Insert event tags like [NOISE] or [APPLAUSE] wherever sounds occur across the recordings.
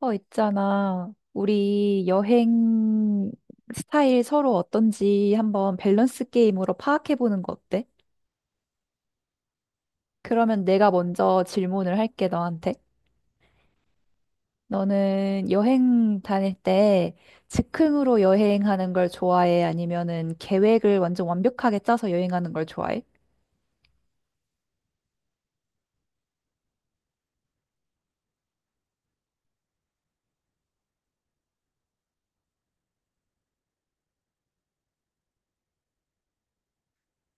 있잖아. 우리 여행 스타일 서로 어떤지 한번 밸런스 게임으로 파악해보는 거 어때? 그러면 내가 먼저 질문을 할게, 너한테. 너는 여행 다닐 때 즉흥으로 여행하는 걸 좋아해? 아니면은 계획을 완전 완벽하게 짜서 여행하는 걸 좋아해?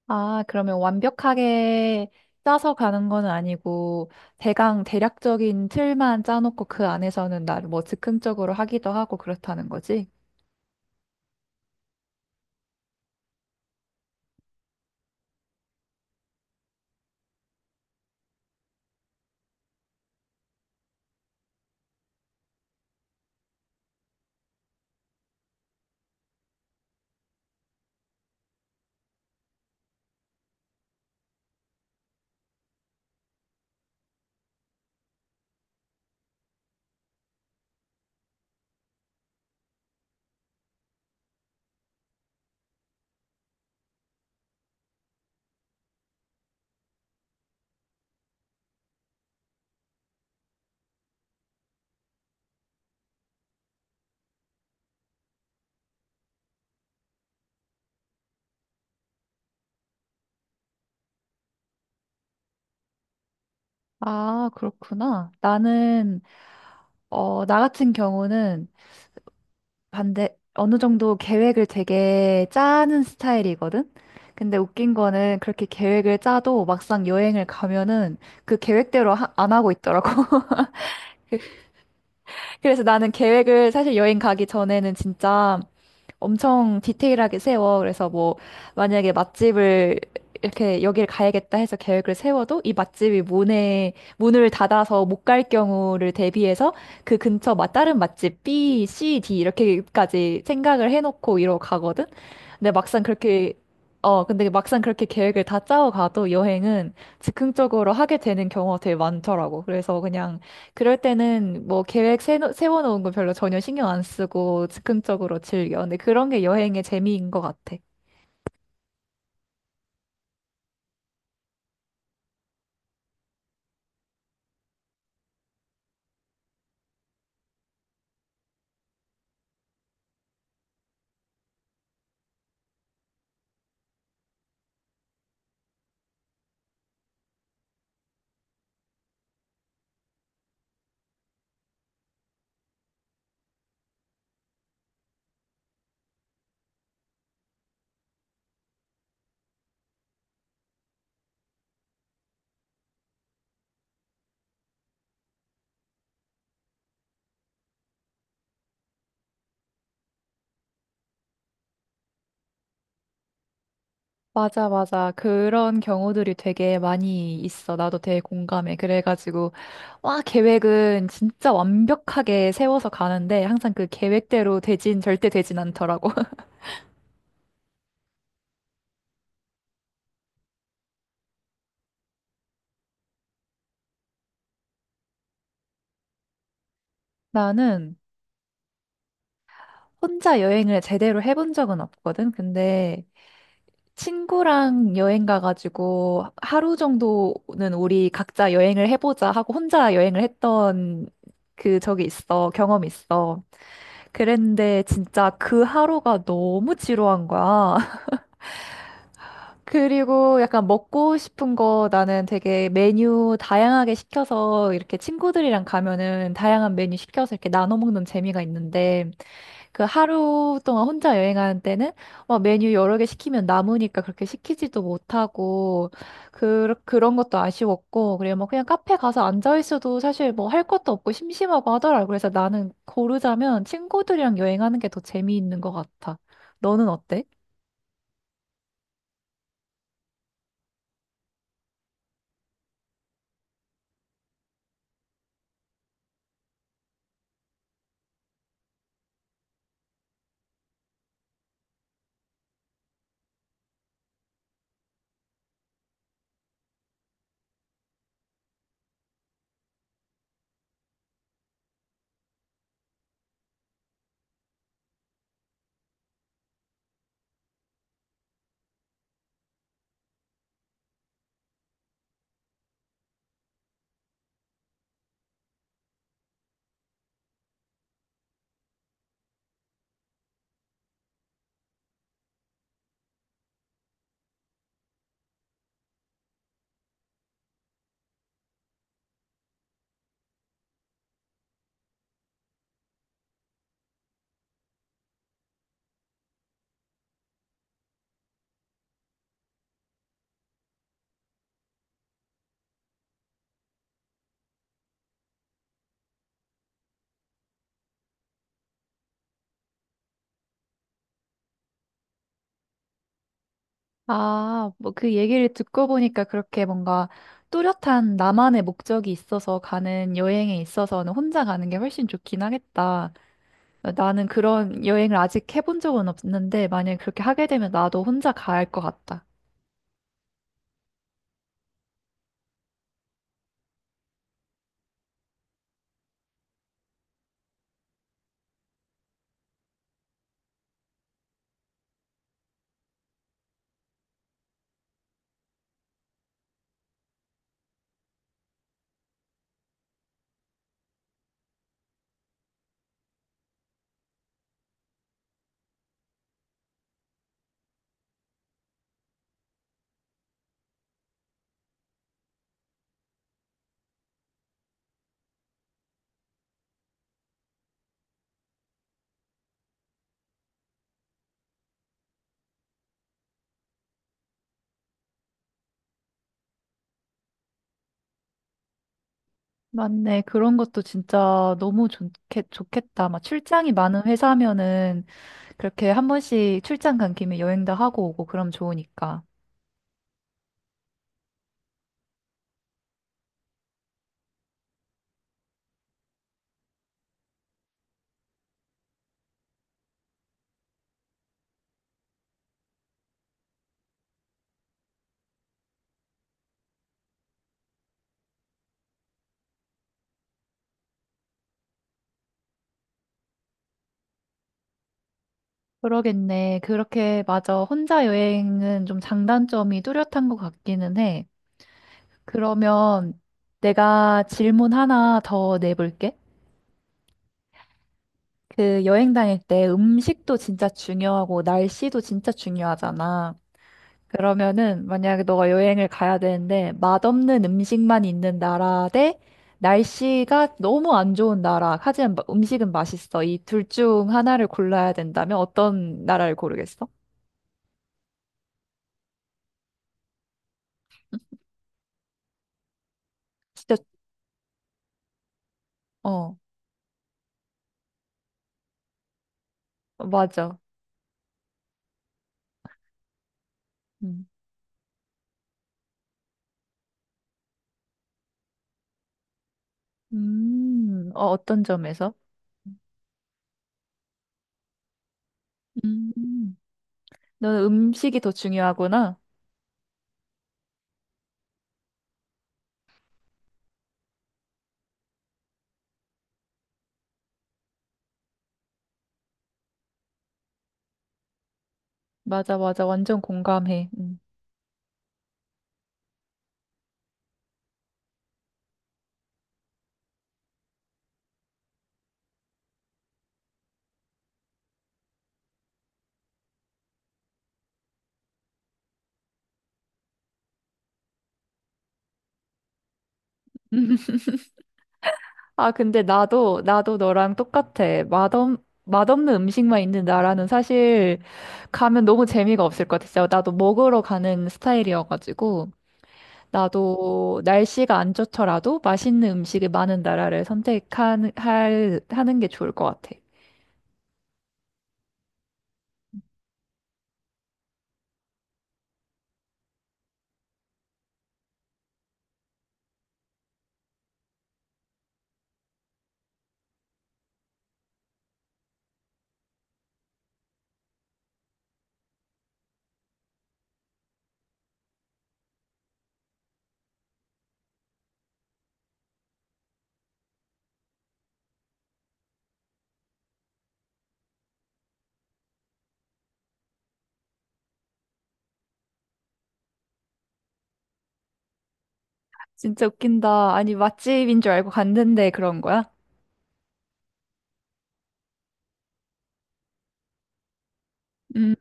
아, 그러면 완벽하게 짜서 가는 건 아니고 대강 대략적인 틀만 짜놓고 그 안에서는 나를 뭐 즉흥적으로 하기도 하고 그렇다는 거지? 아, 그렇구나. 나 같은 경우는 반대, 어느 정도 계획을 되게 짜는 스타일이거든? 근데 웃긴 거는 그렇게 계획을 짜도 막상 여행을 가면은 그 계획대로 안 하고 있더라고. [LAUGHS] 그래서 나는 계획을 사실 여행 가기 전에는 진짜 엄청 디테일하게 세워. 그래서 뭐 만약에 맛집을 이렇게 여길 가야겠다 해서 계획을 세워도 이 맛집이 문에 문을 닫아서 못 갈 경우를 대비해서 그 근처 맛 다른 맛집 B, C, D 이렇게까지 생각을 해놓고 이러고 가거든. 근데 막상 그렇게 근데 막상 그렇게 계획을 다 짜고 가도 여행은 즉흥적으로 하게 되는 경우가 되게 많더라고. 그래서 그냥 그럴 때는 뭐 계획 세워놓은 거 별로 전혀 신경 안 쓰고 즉흥적으로 즐겨. 근데 그런 게 여행의 재미인 것 같아. 맞아, 맞아. 그런 경우들이 되게 많이 있어. 나도 되게 공감해. 그래가지고, 와, 계획은 진짜 완벽하게 세워서 가는데, 항상 그 계획대로 절대 되진 않더라고. [LAUGHS] 나는 혼자 여행을 제대로 해본 적은 없거든. 근데 친구랑 여행 가가지고 하루 정도는 우리 각자 여행을 해보자 하고 혼자 여행을 했던 그 적이 있어. 경험이 있어. 그랬는데 진짜 그 하루가 너무 지루한 거야. [LAUGHS] 그리고 약간 먹고 싶은 거 나는 되게 메뉴 다양하게 시켜서 이렇게 친구들이랑 가면은 다양한 메뉴 시켜서 이렇게 나눠 먹는 재미가 있는데 그 하루 동안 혼자 여행하는 때는 막 메뉴 여러 개 시키면 남으니까 그렇게 시키지도 못하고 그런 것도 아쉬웠고 그래뭐 그냥 카페 가서 앉아 있어도 사실 뭐 할 것도 없고 심심하고 하더라고. 그래서 나는 고르자면 친구들이랑 여행하는 게 더 재미있는 것 같아. 너는 어때? 아, 뭐 그 얘기를 듣고 보니까 그렇게 뭔가 뚜렷한 나만의 목적이 있어서 가는 여행에 있어서는 혼자 가는 게 훨씬 좋긴 하겠다. 나는 그런 여행을 아직 해본 적은 없는데, 만약에 그렇게 하게 되면 나도 혼자 가야 할 것 같다. 맞네. 그런 것도 진짜 좋겠다. 막 출장이 많은 회사면은 그렇게 한 번씩 출장 간 김에 여행도 하고 오고 그럼 좋으니까. 그러겠네. 그렇게 맞아. 혼자 여행은 좀 장단점이 뚜렷한 것 같기는 해. 그러면 내가 질문 하나 더 내볼게. 그 여행 다닐 때 음식도 진짜 중요하고 날씨도 진짜 중요하잖아. 그러면은 만약에 너가 여행을 가야 되는데 맛없는 음식만 있는 나라 대 날씨가 너무 안 좋은 나라, 하지만 음식은 맛있어. 이 둘 중 하나를 골라야 된다면 어떤 나라를 고르겠어? 진짜, 어, 맞아. 음, 어, 어떤 점에서? 음, 너는 음식이 더 중요하구나. 맞아, 맞아. 완전 공감해. 아, 근데 나도, 나도 너랑 똑같아. 맛없는 음식만 있는 나라는 사실 가면 너무 재미가 없을 것 같았어요. 나도 먹으러 가는 스타일이어가지고, 나도 날씨가 안 좋더라도 맛있는 음식이 많은 나라를 하는 게 좋을 것 같아. 진짜 웃긴다. 아니, 맛집인 줄 알고 갔는데 그런 거야? 음,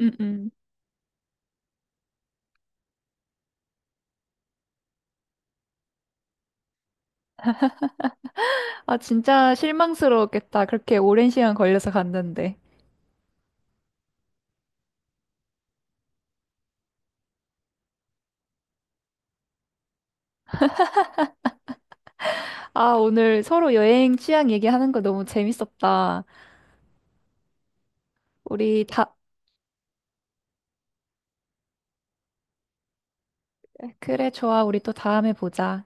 음, 음. 아, 진짜 실망스러웠겠다. 그렇게 오랜 시간 걸려서 갔는데. 아, 오늘 서로 여행 취향 얘기하는 거 너무 재밌었다. 우리 다, 그래, 좋아. 우리 또 다음에 보자.